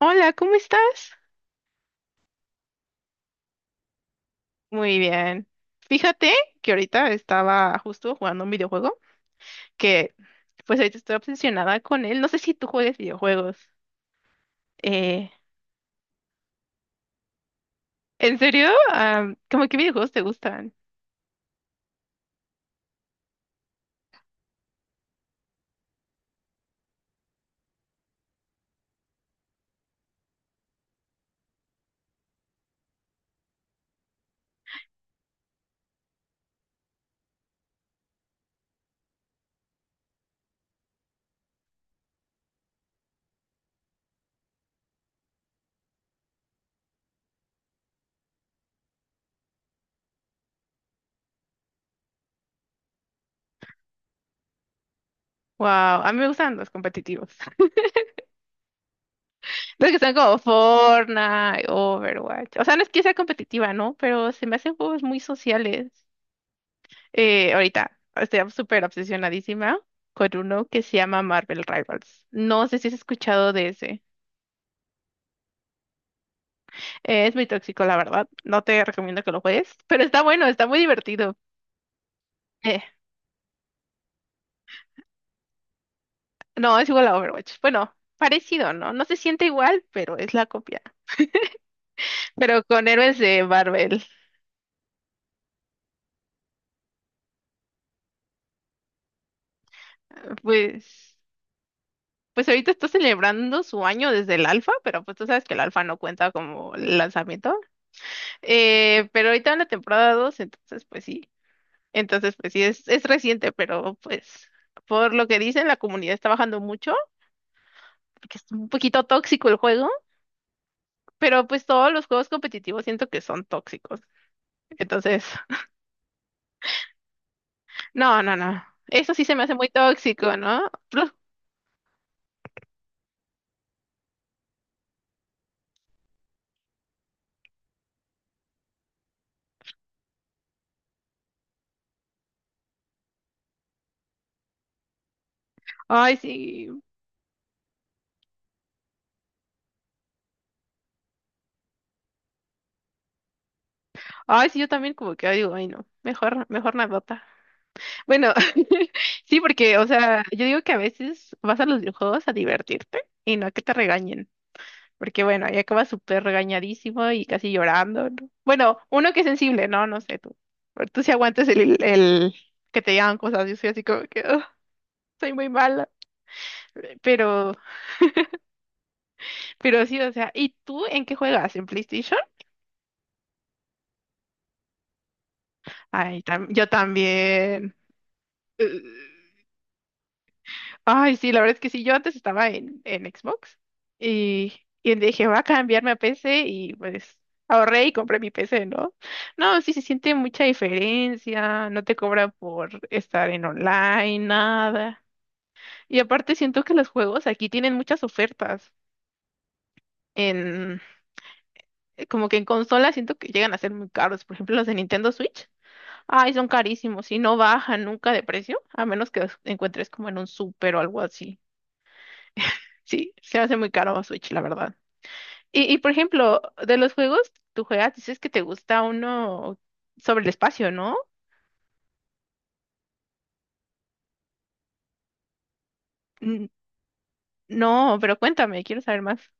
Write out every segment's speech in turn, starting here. Hola, ¿cómo estás? Muy bien. Fíjate que ahorita estaba justo jugando un videojuego que pues ahorita estoy obsesionada con él. No sé si tú juegues videojuegos. Eh, ¿En serio? ¿Cómo qué videojuegos te gustan? Wow, a mí me gustan los competitivos. Los que son como Fortnite, Overwatch. O sea, no es que sea competitiva, ¿no? Pero se me hacen juegos muy sociales. Ahorita estoy súper obsesionadísima con uno que se llama Marvel Rivals. No sé si has escuchado de ese. Es muy tóxico, la verdad. No te recomiendo que lo juegues, pero está bueno, está muy divertido. Eh, no, es igual a Overwatch. Bueno, parecido, ¿no? No se siente igual, pero es la copia. Pero con héroes de Marvel, pues, pues ahorita está celebrando su año desde el alfa, pero pues tú sabes que el alfa no cuenta como lanzamiento. Pero ahorita en la temporada 2 entonces pues sí. Entonces pues sí, es reciente, pero pues por lo que dicen, la comunidad está bajando mucho, porque es un poquito tóxico el juego. Pero pues todos los juegos competitivos siento que son tóxicos. Entonces, no, no, no. Eso sí se me hace muy tóxico, ¿no? Los- Ay, sí. Ay, sí, yo también como que ay, digo, ay, no. Mejor, mejor nadota. Bueno, sí, porque, o sea, yo digo que a veces vas a los videojuegos a divertirte y no a que te regañen. Porque, bueno, ahí acabas súper regañadísimo y casi llorando, ¿no? Bueno, uno que es sensible, ¿no? No sé, tú. Pero tú sí aguantas el que te digan cosas. Yo soy así como que, "Ugh, soy muy mala". Pero Pero sí, o sea, ¿y tú en qué juegas? ¿En PlayStation? Ay, tam- yo también. Eh, Ay, sí, la verdad es que sí, yo antes estaba en Xbox y, y dije, voy a cambiarme a PC y pues ahorré y compré mi PC, ¿no? No, sí se siente mucha diferencia, no te cobran por estar en online, nada. Y aparte siento que los juegos aquí tienen muchas ofertas. En, como que en consola siento que llegan a ser muy caros, por ejemplo, los de Nintendo Switch. Ay, son carísimos y no bajan nunca de precio, a menos que los encuentres como en un súper o algo así. Sí, se hace muy caro Switch, la verdad. Y por ejemplo, de los juegos, tú juegas, dices que te gusta uno sobre el espacio, ¿no? N- No, pero cuéntame, quiero saber más.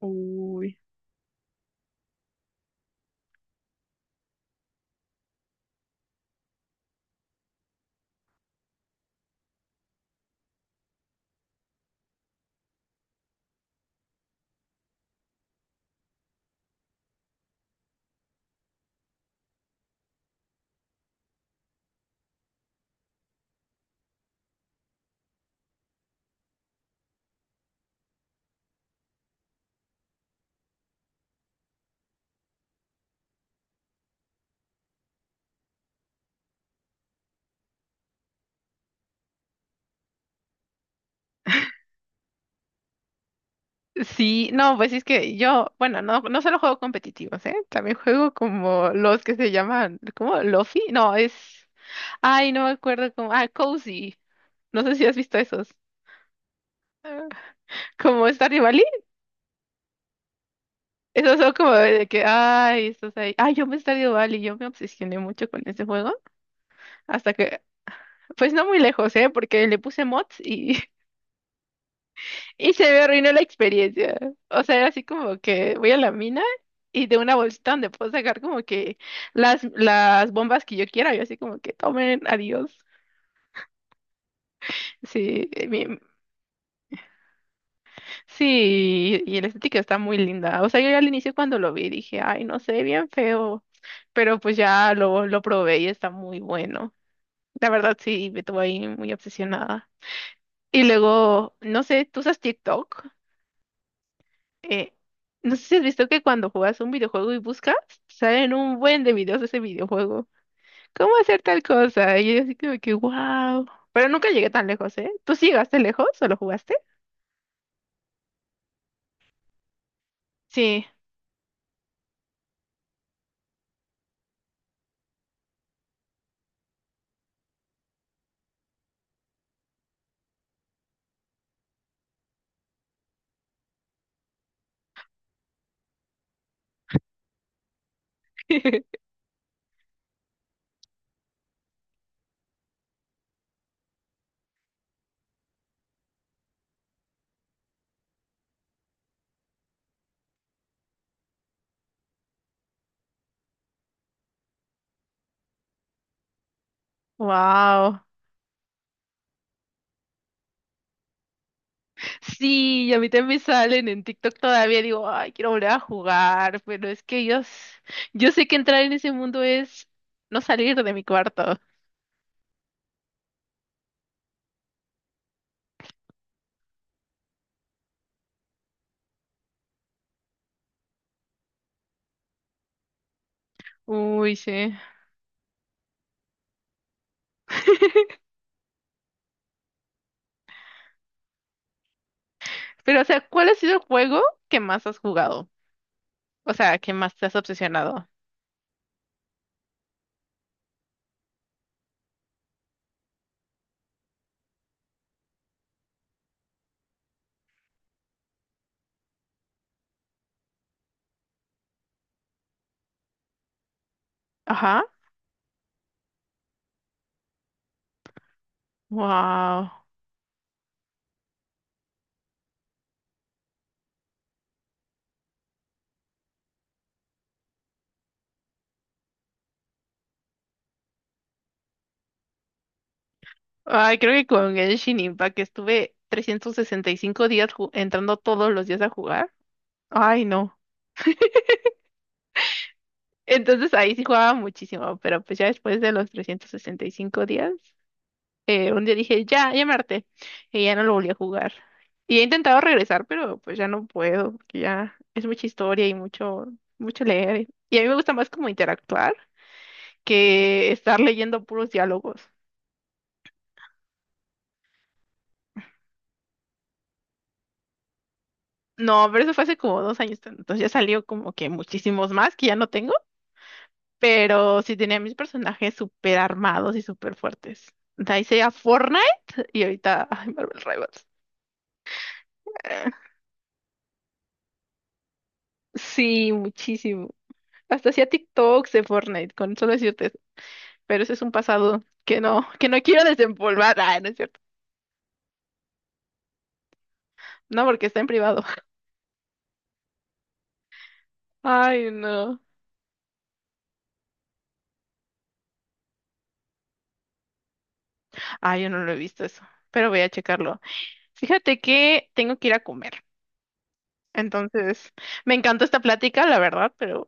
Uy. Sí, no, pues es que yo, bueno, no, no solo juego competitivos, ¿eh? También juego como los que se llaman, ¿cómo? ¿Lofi? No, es... Ay, no me acuerdo cómo... Ah, Cozy. No sé si has visto esos. Como Stardew Valley, esos son como de que, ay, estás ahí. Ay, yo me Stardew Valley, yo me obsesioné mucho con ese juego. Hasta que, pues no muy lejos, ¿eh? Porque le puse mods y, y se me arruinó la experiencia. O sea, era así como que voy a la mina y de una bolsita donde puedo sacar como que las bombas que yo quiera. Yo así como que tomen, adiós. Sí, mi- Sí, y la estética está muy linda. O sea, yo al inicio cuando lo vi dije, ay, no sé, bien feo. Pero pues ya lo probé y está muy bueno. La verdad sí, me tuvo ahí muy obsesionada. Y luego, no sé, ¿tú usas TikTok? Eh, no sé si has visto que cuando juegas un videojuego y buscas, salen un buen de videos de ese videojuego. ¿Cómo hacer tal cosa? Y yo así como que, wow. Pero nunca llegué tan lejos, ¿eh? ¿Tú sí llegaste lejos o lo jugaste? Sí. Wow. Sí, y a mí también me salen en TikTok todavía, digo, ay, quiero volver a jugar, pero es que yo, s- yo sé que entrar en ese mundo es no salir de mi cuarto. Uy, sí. Pero, o sea, ¿cuál ha sido el juego que más has jugado? O sea, que más te has obsesionado. Ajá. Wow. Ay, creo que con Genshin Impact estuve 365 días ju- entrando todos los días a jugar. Ay, no. Entonces ahí sí jugaba muchísimo, pero pues ya después de los 365 días. Un día dije, ya, ya me harté. Y ya no lo volví a jugar. Y he intentado regresar, pero pues ya no puedo, porque ya es mucha historia y mucho, mucho leer. Y a mí me gusta más como interactuar que estar leyendo puros diálogos. No, pero eso fue hace como dos años, entonces ya salió como que muchísimos más que ya no tengo, pero sí tenía mis personajes súper armados y súper fuertes. De ahí sería Fortnite y ahorita, ay, Marvel Rivals. Sí, muchísimo. Hasta hacía TikToks de Fortnite, con solo decirte pero ese es un pasado que no quiero desempolvar. Ah, no es cierto. No, porque está en privado. Ay, no. Ay, yo no lo he visto eso, pero voy a checarlo. Fíjate que tengo que ir a comer. Entonces, me encantó esta plática, la verdad, pero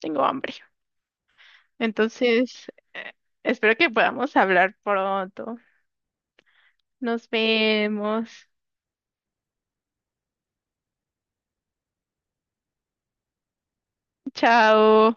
tengo hambre. Entonces, eh, espero que podamos hablar pronto. Nos vemos. Chao.